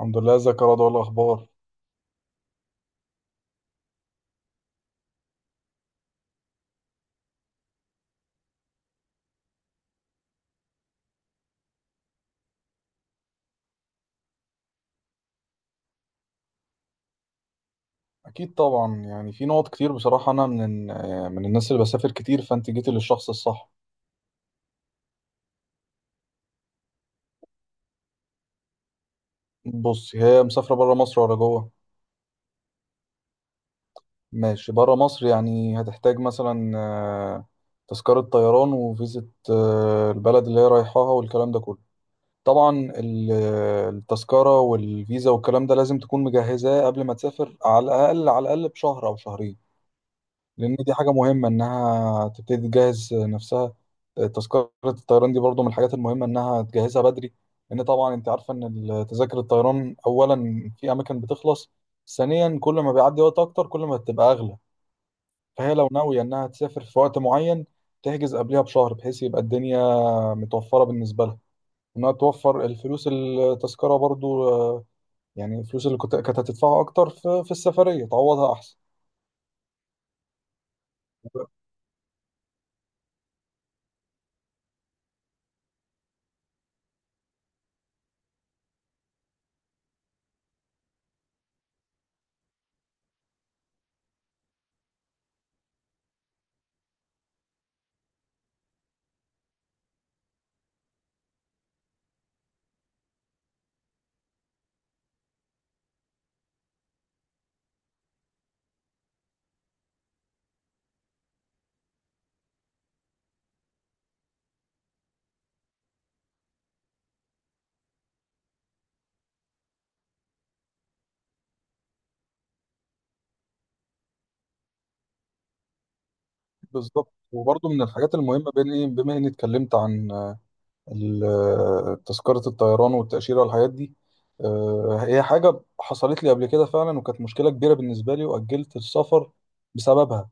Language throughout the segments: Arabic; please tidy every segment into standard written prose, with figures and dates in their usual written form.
الحمد لله، ازيك يا رضوى؟ إيه الاخبار؟ اكيد طبعا. يعني في نقط كتير بصراحه، انا من الناس اللي بسافر كتير، فانت جيتي للشخص الصح. بص، هي مسافره بره مصر ولا جوه؟ ماشي، بره مصر. يعني هتحتاج مثلا تذكره طيران وفيزه البلد اللي هي رايحاها والكلام ده كله. طبعا التذكره والفيزا والكلام ده لازم تكون مجهزاه قبل ما تسافر على الاقل، على الاقل بشهر او شهرين. لان دي حاجه مهمه انها تبتدي تجهز نفسها. تذكره الطيران دي برضو من الحاجات المهمه انها تجهزها بدري، لان طبعا انت عارفه ان تذاكر الطيران، اولا في اماكن بتخلص، ثانيا كل ما بيعدي وقت اكتر كل ما بتبقى اغلى. فهي لو ناويه انها تسافر في وقت معين تحجز قبلها بشهر، بحيث يبقى الدنيا متوفره بالنسبه لها. انها توفر الفلوس، التذكره برضو، يعني الفلوس اللي كانت هتدفعها اكتر في السفريه تعوضها احسن. بالظبط. وبرضه من الحاجات المهمة، بين إيه، بما إني اتكلمت عن تذكرة الطيران والتأشيرة والحاجات دي، هي حاجة حصلت لي قبل كده فعلا وكانت مشكلة كبيرة بالنسبة لي وأجلت السفر بسببها.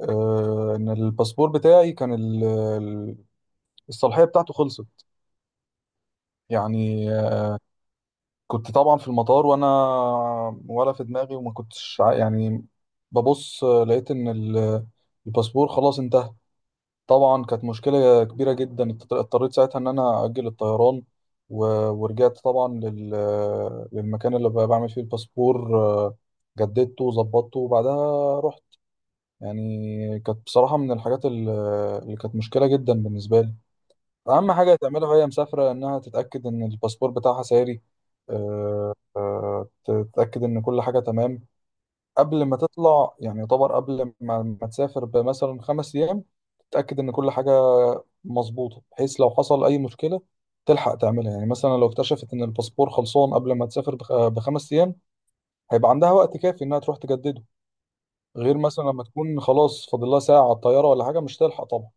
إن الباسبور بتاعي كان الصلاحية بتاعته خلصت. يعني كنت طبعا في المطار وأنا ولا في دماغي، وما كنتش يعني ببص، لقيت إن الباسبور خلاص انتهى. طبعا كانت مشكلة كبيرة جدا، اضطريت ساعتها ان انا اجل الطيران، و... ورجعت طبعا للمكان اللي بعمل فيه الباسبور، جددته وظبطته وبعدها رحت. يعني كانت بصراحة من الحاجات اللي كانت مشكلة جدا بالنسبة لي. اهم حاجة تعملها وهي مسافرة انها تتأكد ان الباسبور بتاعها ساري، تتأكد ان كل حاجة تمام قبل ما تطلع. يعني يعتبر قبل ما تسافر بمثلا خمس أيام، تتأكد إن كل حاجة مظبوطة، بحيث لو حصل أي مشكلة تلحق تعملها. يعني مثلا لو اكتشفت إن الباسبور خلصان قبل ما تسافر بـ5 أيام، هيبقى عندها وقت كافي إنها تروح تجدده. غير مثلا لما تكون خلاص فاضل لها ساعة على الطيارة ولا حاجة، مش تلحق طبعا.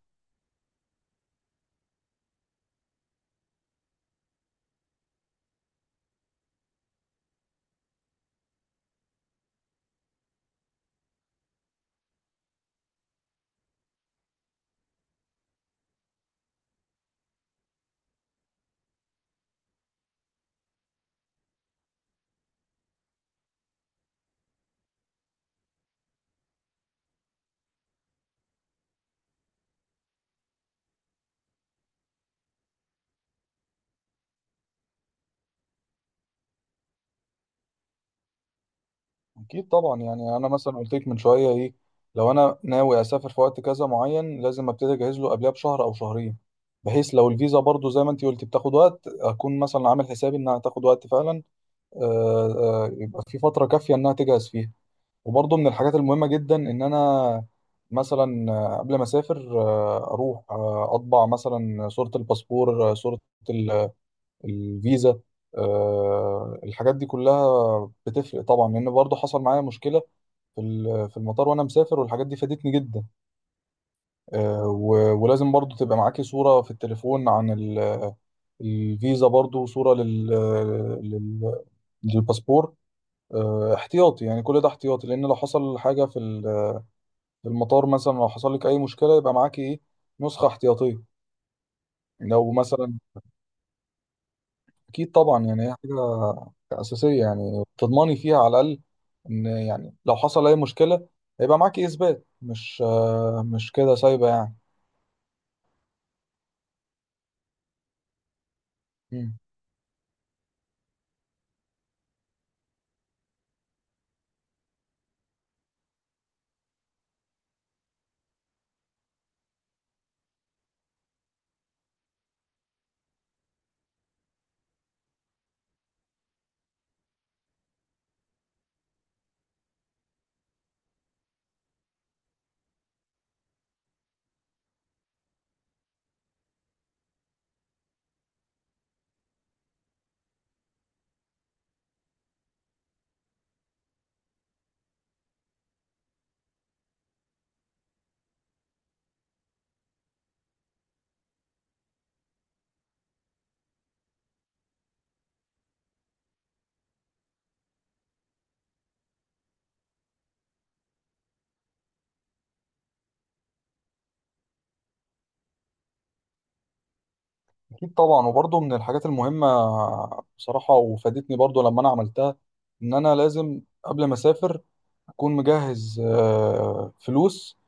اكيد طبعا. يعني انا مثلا قلت لك من شويه ايه، لو انا ناوي اسافر في وقت كذا معين، لازم ابتدي اجهز له قبلها بشهر او شهرين، بحيث لو الفيزا برضو زي ما انت قلت بتاخد وقت، اكون مثلا عامل حسابي انها تاخد وقت فعلا، يبقى في فتره كافيه انها تجهز فيها. وبرضو من الحاجات المهمه جدا ان انا مثلا قبل ما اسافر اروح اطبع مثلا صوره الباسبور، صوره ال- الفيزا. الحاجات دي كلها بتفرق طبعا، لان برضو حصل معايا مشكله في المطار وانا مسافر، والحاجات دي فادتني جدا. ولازم برضو تبقى معاكي صورة في التليفون عن الفيزا، برضو صورة لل لل- للباسبور، احتياطي. يعني كل ده احتياطي، لان لو حصل حاجة في المطار، مثلا لو حصل لك اي مشكلة يبقى معاكي ايه، نسخة احتياطية. لو مثلا اكيد طبعا. يعني هي حاجة أساسية، يعني تضمني فيها على الأقل، ان يعني لو حصل اي مشكلة هيبقى معاكي اثبات، مش مش كده سايبة يعني. مم. اكيد طبعا. وبرضه من الحاجات المهمه بصراحه، وفادتني برضه لما انا عملتها، ان انا لازم قبل ما اسافر اكون مجهز فلوس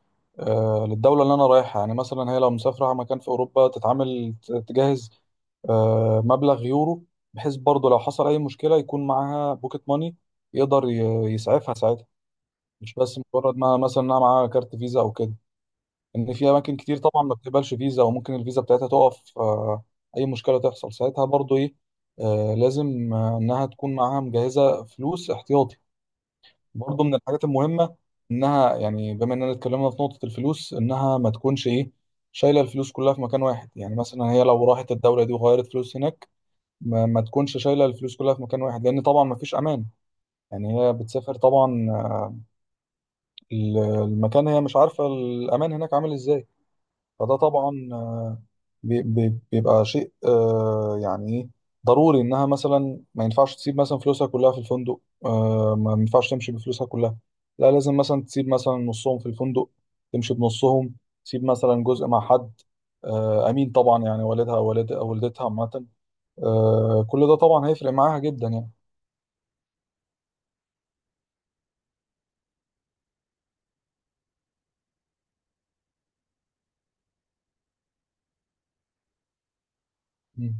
للدوله اللي انا رايحها. يعني مثلا هي لو مسافره مكان في اوروبا تتعامل تجهز مبلغ يورو، بحيث برضه لو حصل اي مشكله يكون معاها بوكيت ماني يقدر يسعفها ساعتها، مش بس مجرد ما مثلا انها معاها كارت فيزا او كده. ان في اماكن كتير طبعا ما بتقبلش فيزا، وممكن الفيزا بتاعتها تقف، اي مشكله تحصل ساعتها برضو، ايه، لازم انها تكون معاها مجهزه فلوس احتياطي. برضو من الحاجات المهمه انها، يعني بما اننا اتكلمنا في نقطه الفلوس، انها ما تكونش ايه، شايله الفلوس كلها في مكان واحد. يعني مثلا هي لو راحت الدوله دي وغيرت فلوس هناك، ما تكونش شايله الفلوس كلها في مكان واحد، لان طبعا ما فيش امان. يعني هي بتسافر طبعا، ال- المكان هي مش عارفه الامان هناك عامل ازاي. فده طبعا بيبقى شيء آه يعني إيه، ضروري. انها مثلا ما ينفعش تسيب مثلا فلوسها كلها في الفندق، ما ينفعش تمشي بفلوسها كلها، لا لازم مثلا تسيب مثلا نصهم في الفندق، تمشي بنصهم، تسيب مثلا جزء مع حد امين، طبعا، يعني والدها او والدتها عامه. كل ده طبعا هيفرق معاها جدا يعني.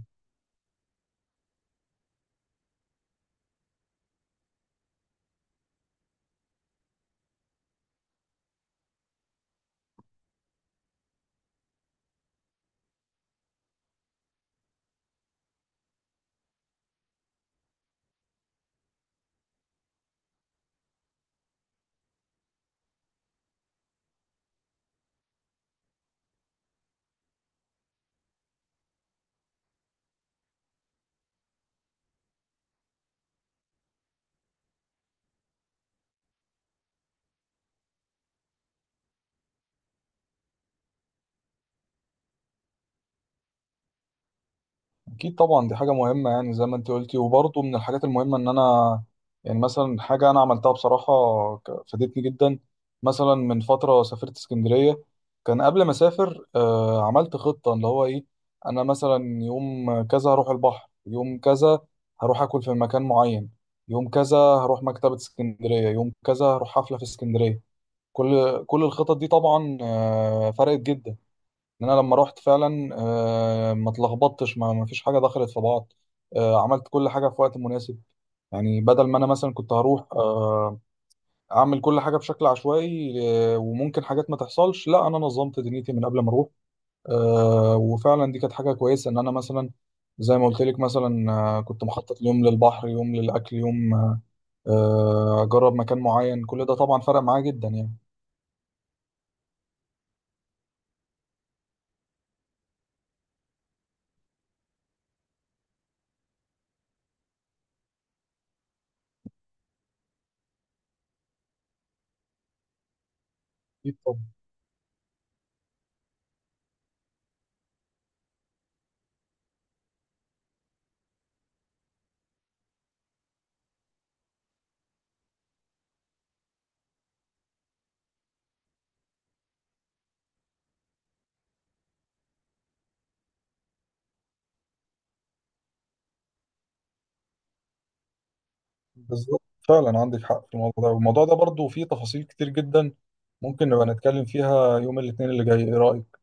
اكيد طبعا، دي حاجه مهمه. يعني زي ما انت قلتي. وبرضه من الحاجات المهمه ان انا، يعني مثلا، حاجه انا عملتها بصراحه فادتني جدا. مثلا من فتره سافرت اسكندريه، كان قبل ما اسافر عملت خطه اللي هو ايه، انا مثلا يوم كذا هروح البحر، يوم كذا هروح اكل في مكان معين، يوم كذا هروح مكتبه اسكندريه، يوم كذا هروح حفله في اسكندريه. كل الخطط دي طبعا فرقت جدا، ان انا لما رحت فعلا ما اتلخبطتش، ما فيش حاجه دخلت في بعض. عملت كل حاجه في وقت مناسب، يعني بدل ما انا مثلا كنت هروح اعمل كل حاجه بشكل عشوائي، وممكن حاجات ما تحصلش، لا انا نظمت دنيتي من قبل ما اروح. وفعلا دي كانت حاجه كويسه، ان انا مثلا زي ما قلت لك مثلا كنت مخطط يوم للبحر، يوم للاكل، يوم اجرب مكان معين. كل ده طبعا فرق معايا جدا يعني. بالظبط، فعلا عندك حق في الموضوع ده، والموضوع ده برضو فيه تفاصيل كتير جدا. ممكن نبقى نتكلم فيها يوم الاثنين اللي جاي. ايه رأيك؟